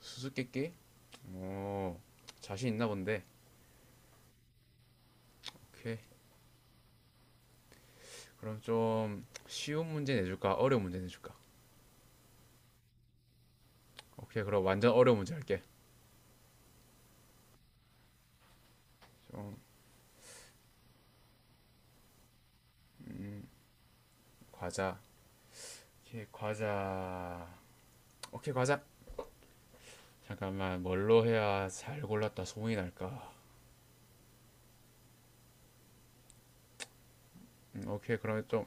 수수께끼? 오, 자신 있나 본데. 오케이. 그럼 좀 쉬운 문제 내줄까, 어려운 문제 내줄까? 오케이. 그럼 완전 어려운 문제 할게. 좀. 과자. 오케이, 과자. 오케이, 과자. 잠깐만, 뭘로 해야 잘 골랐다 소문이 날까? 오케이. 그러면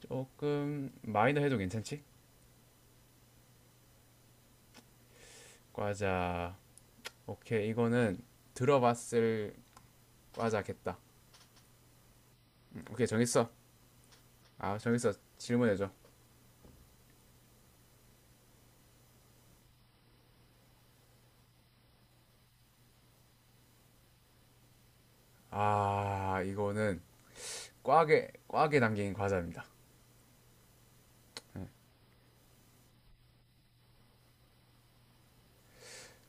조금 마이너 해도 괜찮지? 과자. 오케이. 이거는 들어봤을 과자겠다. 오케이. 정했어. 아, 정했어. 질문해줘. 아, 이거는 꽉에 담긴 과자입니다.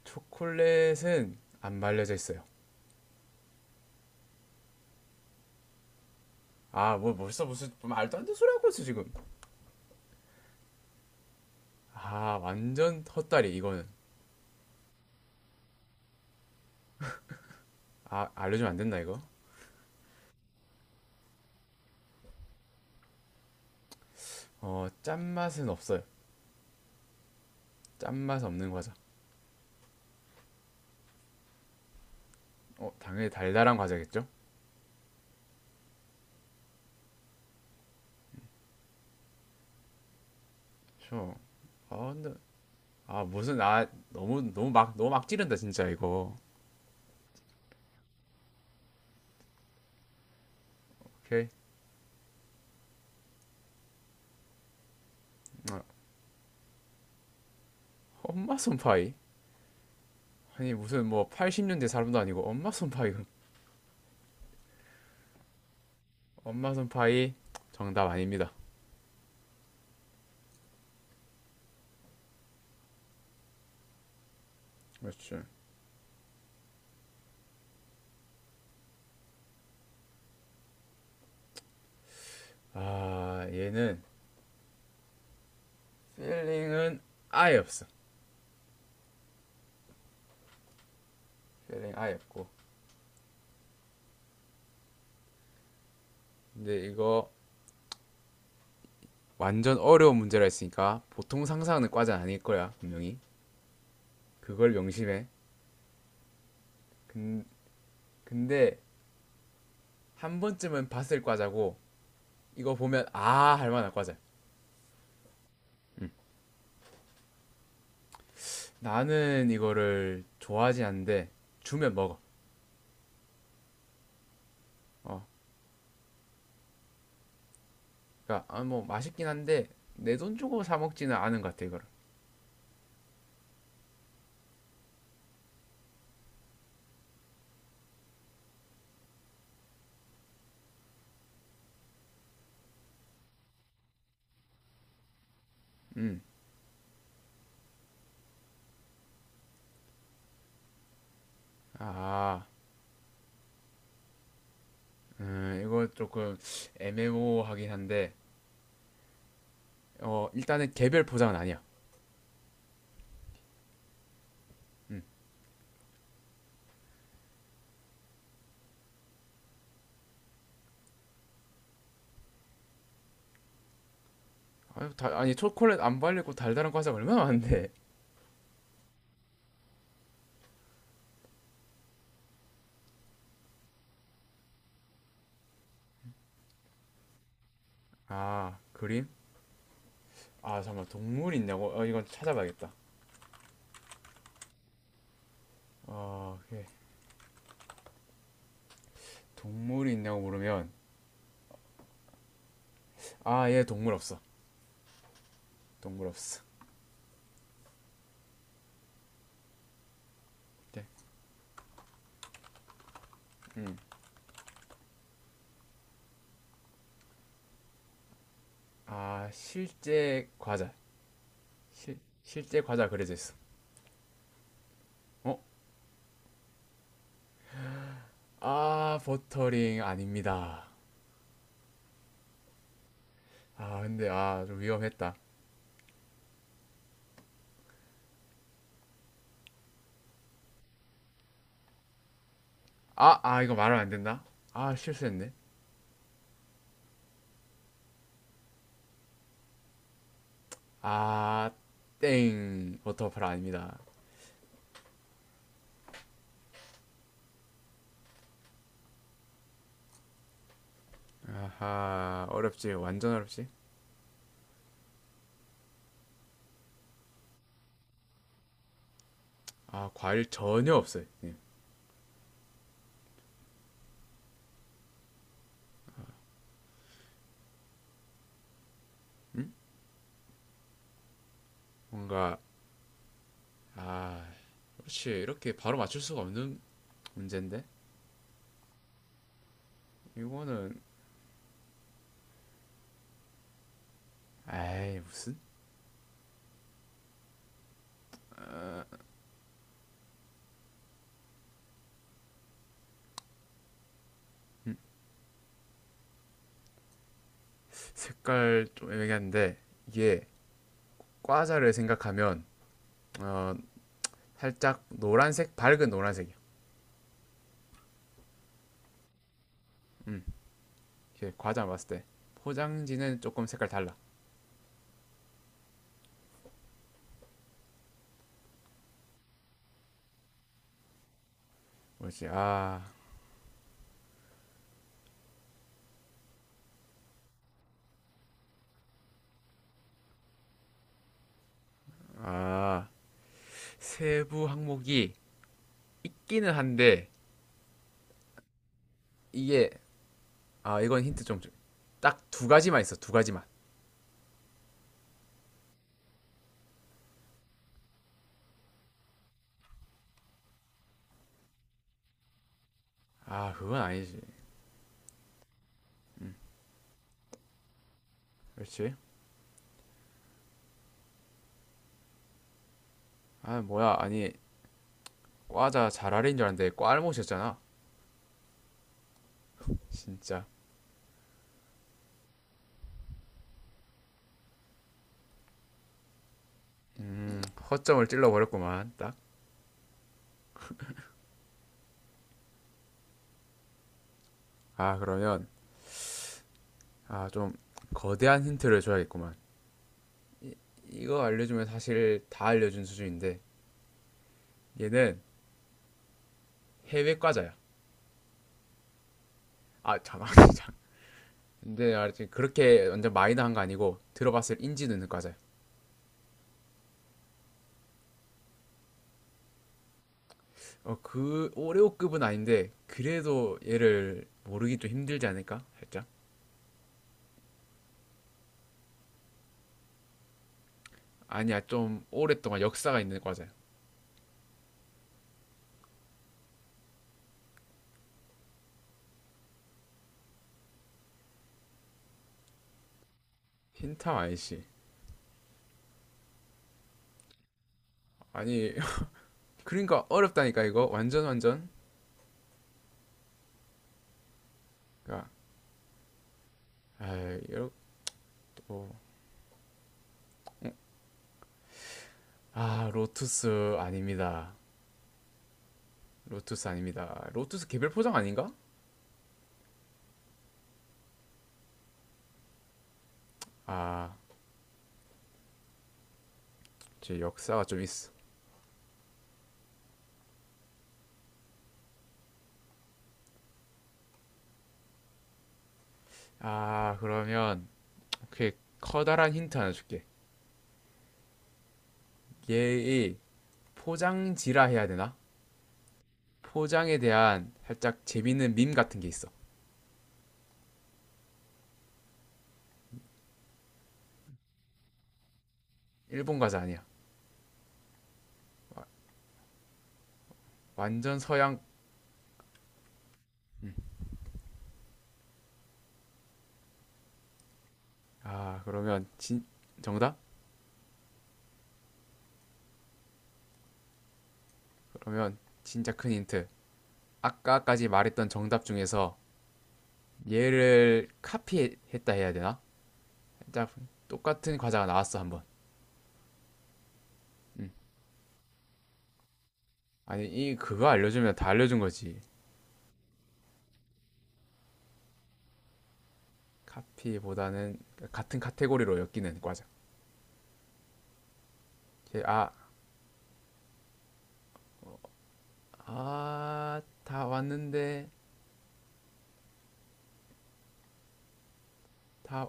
초콜릿은 안 말려져 있어요. 아, 뭐 벌써 무슨 말도 안 되는 소리 하고 있어 지금. 아, 완전 헛다리 이거는. 아, 알려주면 안 된다 이거. 어, 짠맛은 없어요. 짠맛 없는 과자. 어, 당연히 달달한 과자겠죠? 그쵸. 아, 근데 아 무슨 아 너무 막 찌른다 진짜 이거. 오케이. 아, 엄마 손파이. 아니 무슨 뭐 80년대 사람도 아니고 엄마 손파이. 엄마 손파이 정답 아닙니다. 그렇죠. 아 얘는 필링은 아예 없어. 필링 아예 없고. 근데 이거 완전 어려운 문제라 했으니까 보통 상상하는 과자는 아닐 거야 분명히. 그걸 명심해. 근, 근데 한 번쯤은 봤을 과자고 이거 보면 아 할 만한 과자. 나는 이거를 좋아하지 않는데 주면 먹어. 어. 그러니까 아, 뭐 맛있긴 한데 내 돈 주고 사 먹지는 않은 것 같아 이거를. 음. 아. 이거 조금 애매모호하긴 한데 어 일단은 개별 포장은 아니야. 아 다- 아니 초콜릿 안 발리고 달달한 과자 얼마나 많은데. 아 그림? 아 잠깐 만 동물이 있냐고? 어 이건 찾아봐야겠다. 어 예. 동물이 있냐고 물으면 아 얘 동물 없어. 동물 없어. 네. 음. 아 실제 과자. 실 실제 과자 그려져 있어. 어? 아 버터링 아닙니다. 아 근데 아 좀 위험했다. 아 아 이거 말하면 안 된다. 아 실수했네. 아 땡 버터플 아닙니다. 아하, 어렵지. 완전 어렵지. 아, 과일 전혀 없어요. 예. 뭔가, 아, 그렇지. 이렇게 바로 맞출 수가 없는 문제인데? 이거는, 에이, 무슨? 색깔 좀 애매한데, 이게 과자를 생각하면, 어, 살짝 노란색, 밝은 노란색이요. 이게 과자 봤을 때. 포장지는 조금 색깔 달라. 뭐지? 아, 아, 세부 항목이 있기는 한데, 이게, 아, 이건 힌트 좀, 줘. 딱 두 가지만 있어, 두 가지만. 아, 그건 아니지. 그렇지? 아, 뭐야. 아니, 과자 잘알인 줄 알았는데 꽐못이었잖아. 진짜. 음, 허점을 찔러버렸구만. 딱. 아, 그러면 아, 좀 거대한 힌트를 줘야겠구만. 이거 알려주면 사실 다 알려준 수준인데 얘는 해외 과자야. 아, 잠깐. 근데 알지 그렇게 완전 마이너한 거 아니고 들어봤을 인지 드는 과자야. 어, 그 오레오급은 아닌데 그래도 얘를 모르기 좀 힘들지 않을까? 살짝. 아니야, 좀 오랫동안 역사가 있는 과자야. 흰탑 아니씨 아니 그러니까 어렵다니까 이거 완전 완전. 그러니까 아 이렇게 뭐. 아 로투스 아닙니다. 로투스 아닙니다. 로투스 개별 포장 아닌가? 아, 제 역사가 좀 있어. 아 그러면 오케이 커다란 힌트 하나 줄게. 얘의 포장지라 해야 되나? 포장에 대한 살짝 재밌는 밈 같은 게 있어. 일본 과자 아니야. 완전 서양. 아 그러면 진 정답? 그러면 진짜 큰 힌트. 아까까지 말했던 정답 중에서 얘를 카피했다 해야 되나? 딱 똑같은 과자가 나왔어 한번. 아니 이 그거 알려주면 다 알려준 거지. 카피보다는 같은 카테고리로 엮이는 과자. 아아다 왔는데 다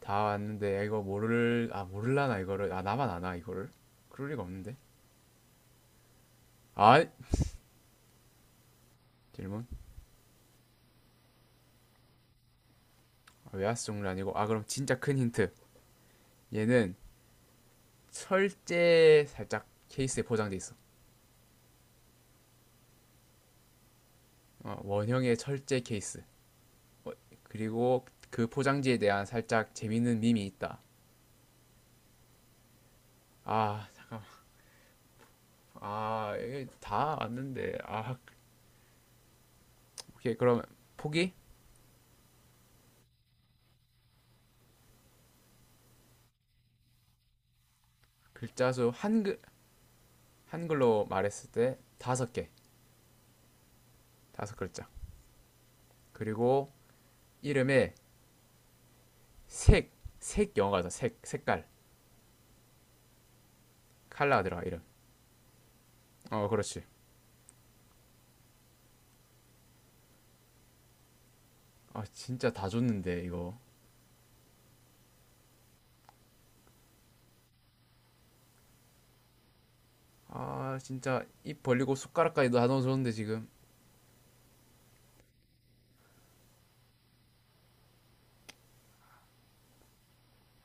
다 왔는데 아, 이거 모를 아 모를라나 이거를 아 나만 아나 이거를 그럴 리가 없는데. 아 질문 아, 외화수 종류 아니고 아 그럼 진짜 큰 힌트. 얘는 철제 살짝 케이스에 포장돼 있어. 어, 원형의 철제 케이스. 그리고 그 포장지에 대한 살짝 재밌는 밈이 있다. 아, 아, 이게 다 맞는데. 아, 오케이. 그럼 포기? 글자 수 한글, 한글로 말했을 때 다섯 개. 다섯 글자. 그리고 이름에 색, 색 영어다. 색, 색깔. 칼라 들어가, 이름. 어, 그렇지. 아, 진짜 다 줬는데, 이거. 아, 진짜 입 벌리고 숟가락까지 다 넣어줬는데, 지금.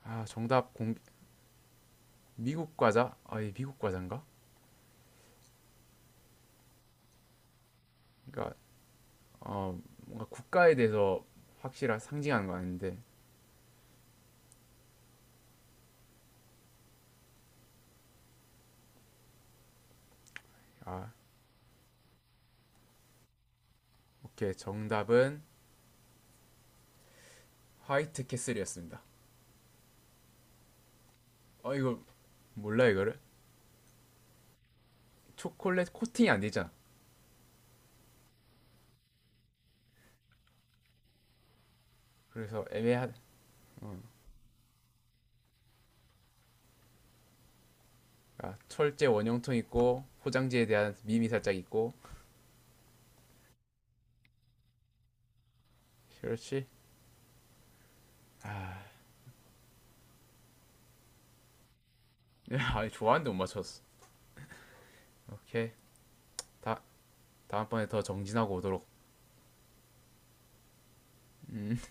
아, 미국 과자? 아, 이 미국 과자인가? 그러니까 어, 뭔가 국가에 대해서 확실한 상징하는 거 아닌데 아 오케이 정답은 화이트 캐슬이었습니다. 어 이거 몰라 이거를 초콜릿 코팅이 안 되잖아. 그래서 애매한 아, 철제 원형통 있고 포장지에 대한 밈이 살짝 있고 그렇지. 아, 아 좋아하는데 못 맞췄어. 오케이 다 다음번에 더 정진하고 오도록. 음.